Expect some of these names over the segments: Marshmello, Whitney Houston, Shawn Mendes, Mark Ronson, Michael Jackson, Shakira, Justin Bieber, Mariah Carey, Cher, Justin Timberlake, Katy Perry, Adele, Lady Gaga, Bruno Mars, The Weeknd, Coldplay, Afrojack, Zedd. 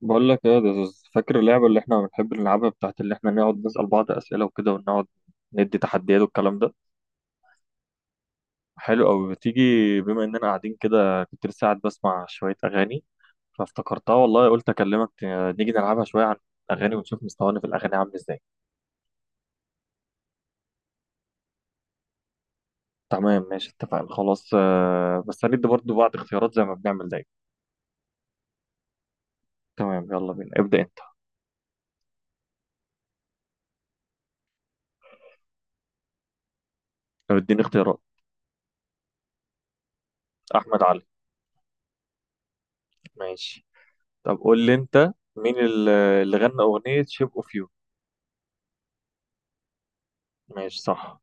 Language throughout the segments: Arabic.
بقول لك ايه ده، فاكر اللعبة اللي احنا بنحب نلعبها بتاعت اللي احنا نقعد نسأل بعض أسئلة وكده، ونقعد ندي تحديات والكلام ده؟ حلو أوي. بتيجي بما اننا قاعدين كده، كنت لسه قاعد بسمع شوية أغاني فافتكرتها والله، قلت أكلمك. نيجي نلعبها شوية عن الأغاني ونشوف مستوانا في الأغاني عامل ازاي. تمام ماشي، اتفقنا خلاص. بس هندي برضه بعض اختيارات زي ما بنعمل دايما. تمام يلا بينا، ابدأ انت. طب اديني اختيارات. أحمد علي. ماشي. طب قول لي انت مين اللي غنى أغنية شيب اوف يو؟ ماشي صح.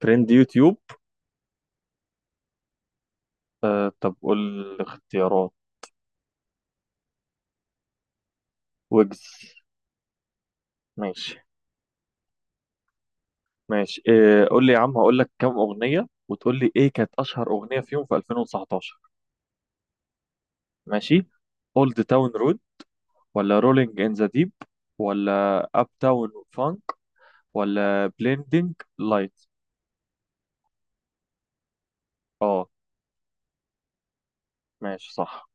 ترند يوتيوب. آه طب قول اختيارات. ويجز. ماشي. ماشي إيه؟ قول لي يا عم، هقول لك كام أغنية وتقول لي ايه كانت أشهر أغنية فيهم في 2019. ماشي. اولد تاون رود، ولا رولينج ان ذا ديب، ولا اب تاون فانك، ولا بليندنج لايت؟ اه ماشي صح.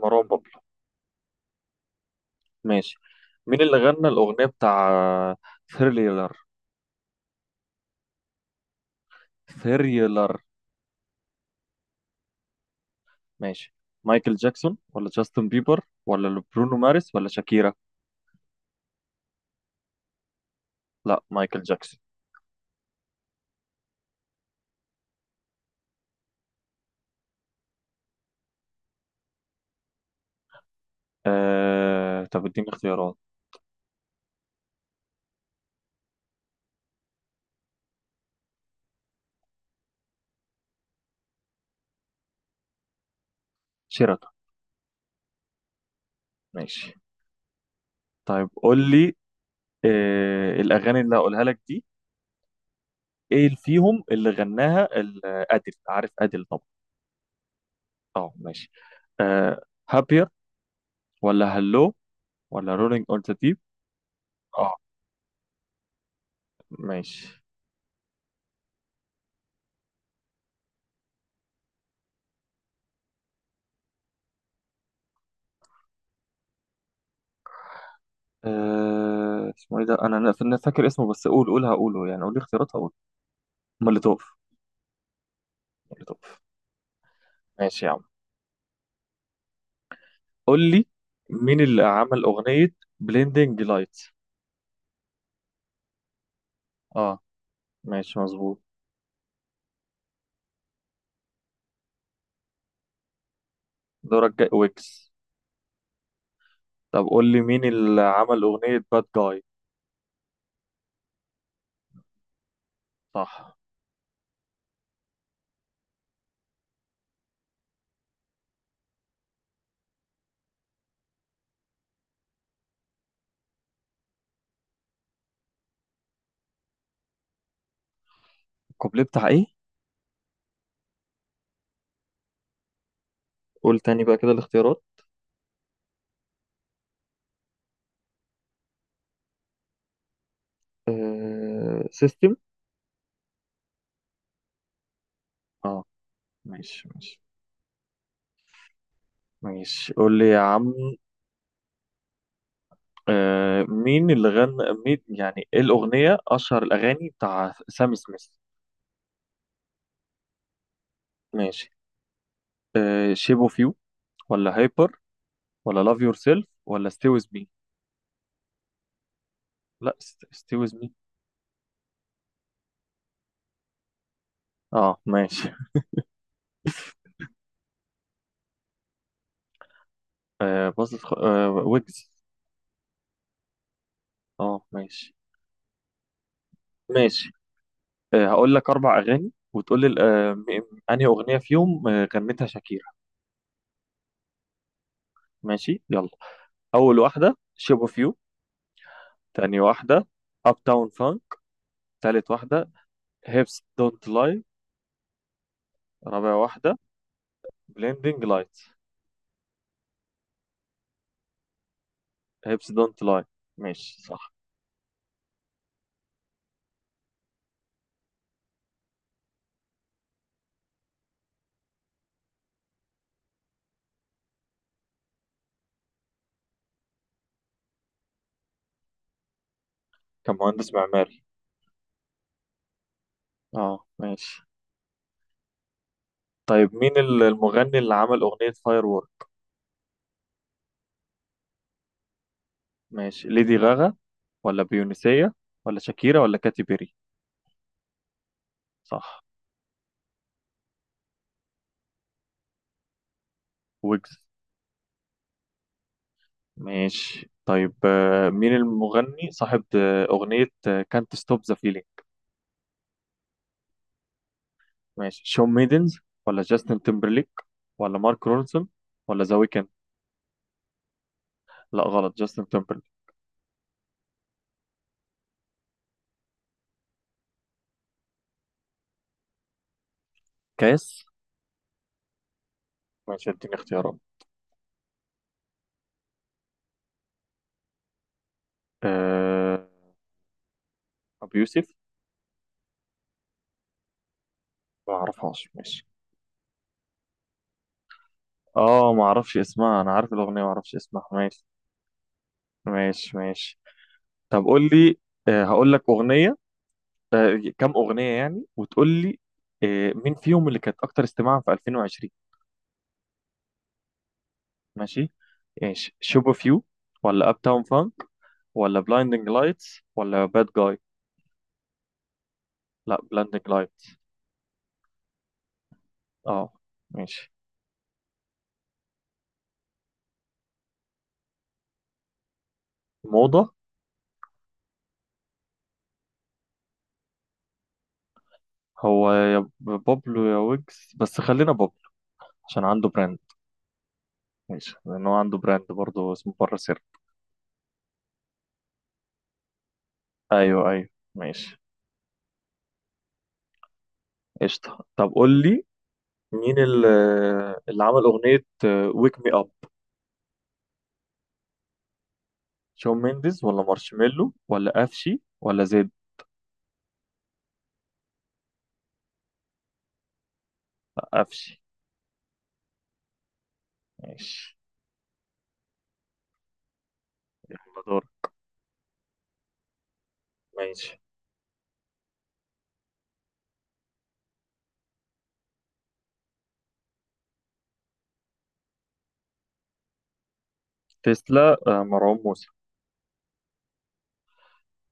مروان بابلو. ماشي. مين اللي غنى الأغنية بتاع ثريلر؟ ثريلر. ماشي. مايكل جاكسون ولا جاستن بيبر ولا برونو مارس ولا شاكيرا؟ لا مايكل جاكسون. طب اديني اختيارات. شيراتون. ماشي. طيب قول لي، الأغاني اللي هقولها لك دي، ايه اللي فيهم اللي غناها أديل؟ عارف أديل طبعا. اه ماشي. آه... هابير، ولا هلو، ولا رولينج اون ذا ديب؟ اه ماشي. اسمه ايه ده؟ انا فاكر اسمه، بس قول هقوله يعني. قول لي اختيارات هقول. مولوتوف. مولوتوف. ماشي يا عم. قول لي مين اللي عمل أغنية بليندنج لايت؟ اه ماشي مظبوط. دورك جاي ويكس. طب قول لي مين اللي عمل أغنية باد جاي؟ صح. الكوبليه بتاع ايه؟ قول تاني بقى كده الاختيارات. سيستم. اه ماشي ماشي. ماشي قول لي يا عم، آه مين اللي غنى، مين يعني ايه الأغنية، أشهر الأغاني بتاع سام سميث؟ ماشي. آه شيب اوف يو، ولا هايبر، ولا لاف يور سيلف، ولا ستي ويز مي؟ لا ستي ويز مي. اه ماشي. آه بص، آه ويجز. اه ماشي. ماشي هقول لك أربع أغاني وتقول لي أنهي أغنية فيهم غنتها شاكيرا. ماشي يلا. أول واحدة شيب أوف يو. تاني واحدة أب تاون فانك. تالت واحدة هيبس دونت لاي. رابع واحدة بليندنج لايت. هيبس دونت لاي. ماشي صح. كان مهندس معماري. اه ماشي. طيب مين المغني اللي عمل أغنية فاير وورك؟ ماشي. ليدي غاغا، ولا بيونسية، ولا شاكيرا، ولا كاتي بيري؟ صح. ويجز. ماشي طيب مين المغني صاحب أغنية كانت ستوب ذا فيلينج؟ ماشي. شون ميدنز، ولا جاستن تيمبرليك، ولا مارك رونسون، ولا ذا ويكند؟ لا غلط، جاستن تيمبرليك. كاس. ماشي اديني اختيارات. أه... أبو يوسف. ما اعرفهاش ماشي. اه ما اعرفش اسمها، انا عارف الأغنية ما اعرفش اسمها ماشي. ماشي ماشي. طب قول لي، أه هقول لك أغنية، أه كم أغنية يعني وتقول لي أه مين فيهم اللي كانت أكتر استماعا في 2020. ماشي. ايش شوب اوف يو، ولا اب تاون فانك، ولا بلايندنج لايتس، ولا باد جاي؟ لا بلايندنج لايتس. اه ماشي. موضة. هو يا بابلو يا ويجز، بس خلينا بابلو عشان عنده براند. ماشي لان هو عنده براند برضه اسمه بره سر. ايوه ايوه. ماشي. قشطة. طب قول لي مين اللي عمل اغنية ويك مي اب؟ شون مينديز، ولا مارشميلو، ولا افشي، ولا زيد؟ افشي. ماشي. يلا دور. ماشي. تسلا مروان موسى.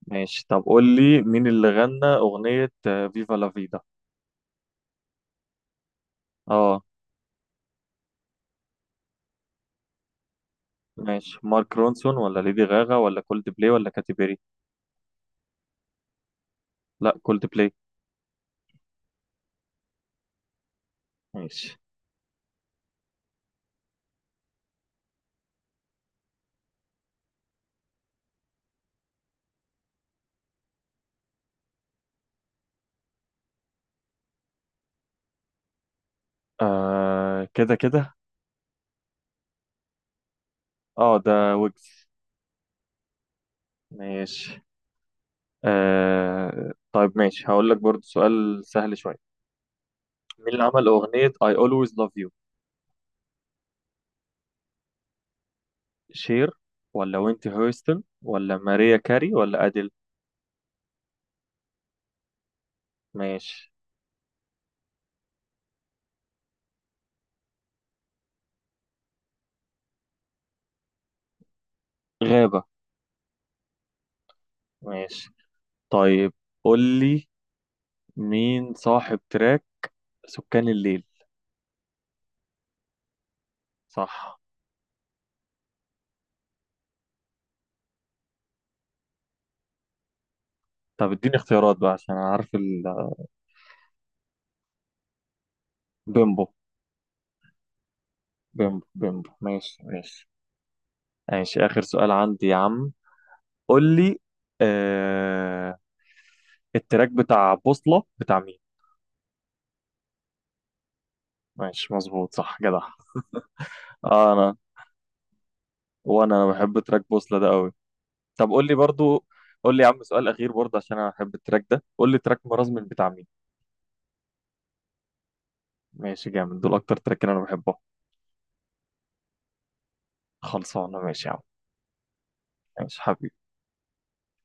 ماشي. طب قول لي مين اللي غنى أغنية فيفا لا فيدا؟ اه ماشي. مارك رونسون، ولا ليدي غاغا، ولا كولد بلاي، ولا كاتي بيري؟ لا كولد بلاي. ماشي. آه كده كده. اه ده ويجز. ماشي. آه طيب ماشي، هقول لك برضو سؤال سهل شوية. مين اللي عمل أغنية I always love you؟ شير، ولا وينتي هيوستن، ولا ماريا كاري، ولا أديل؟ ماشي. غابة. ماشي. طيب قول لي مين صاحب تراك سكان الليل؟ صح. طب اديني اختيارات بقى عشان أنا عارف بيمبو. بيمبو بيمبو. ماشي ماشي. ماشي آخر سؤال عندي يا عم. قول لي آه... التراك بتاع بوصلة بتاع مين؟ ماشي مظبوط صح جدع. آه أنا، وأنا بحب تراك بوصلة ده قوي. طب قول لي برضو، قول لي يا عم سؤال أخير برضه عشان أنا بحب التراك ده. قول لي تراك مرازمن بتاع مين؟ ماشي جامد. دول أكتر تراك أنا بحبه. خلصانة ماشي يا عم. ماشي حبيبي.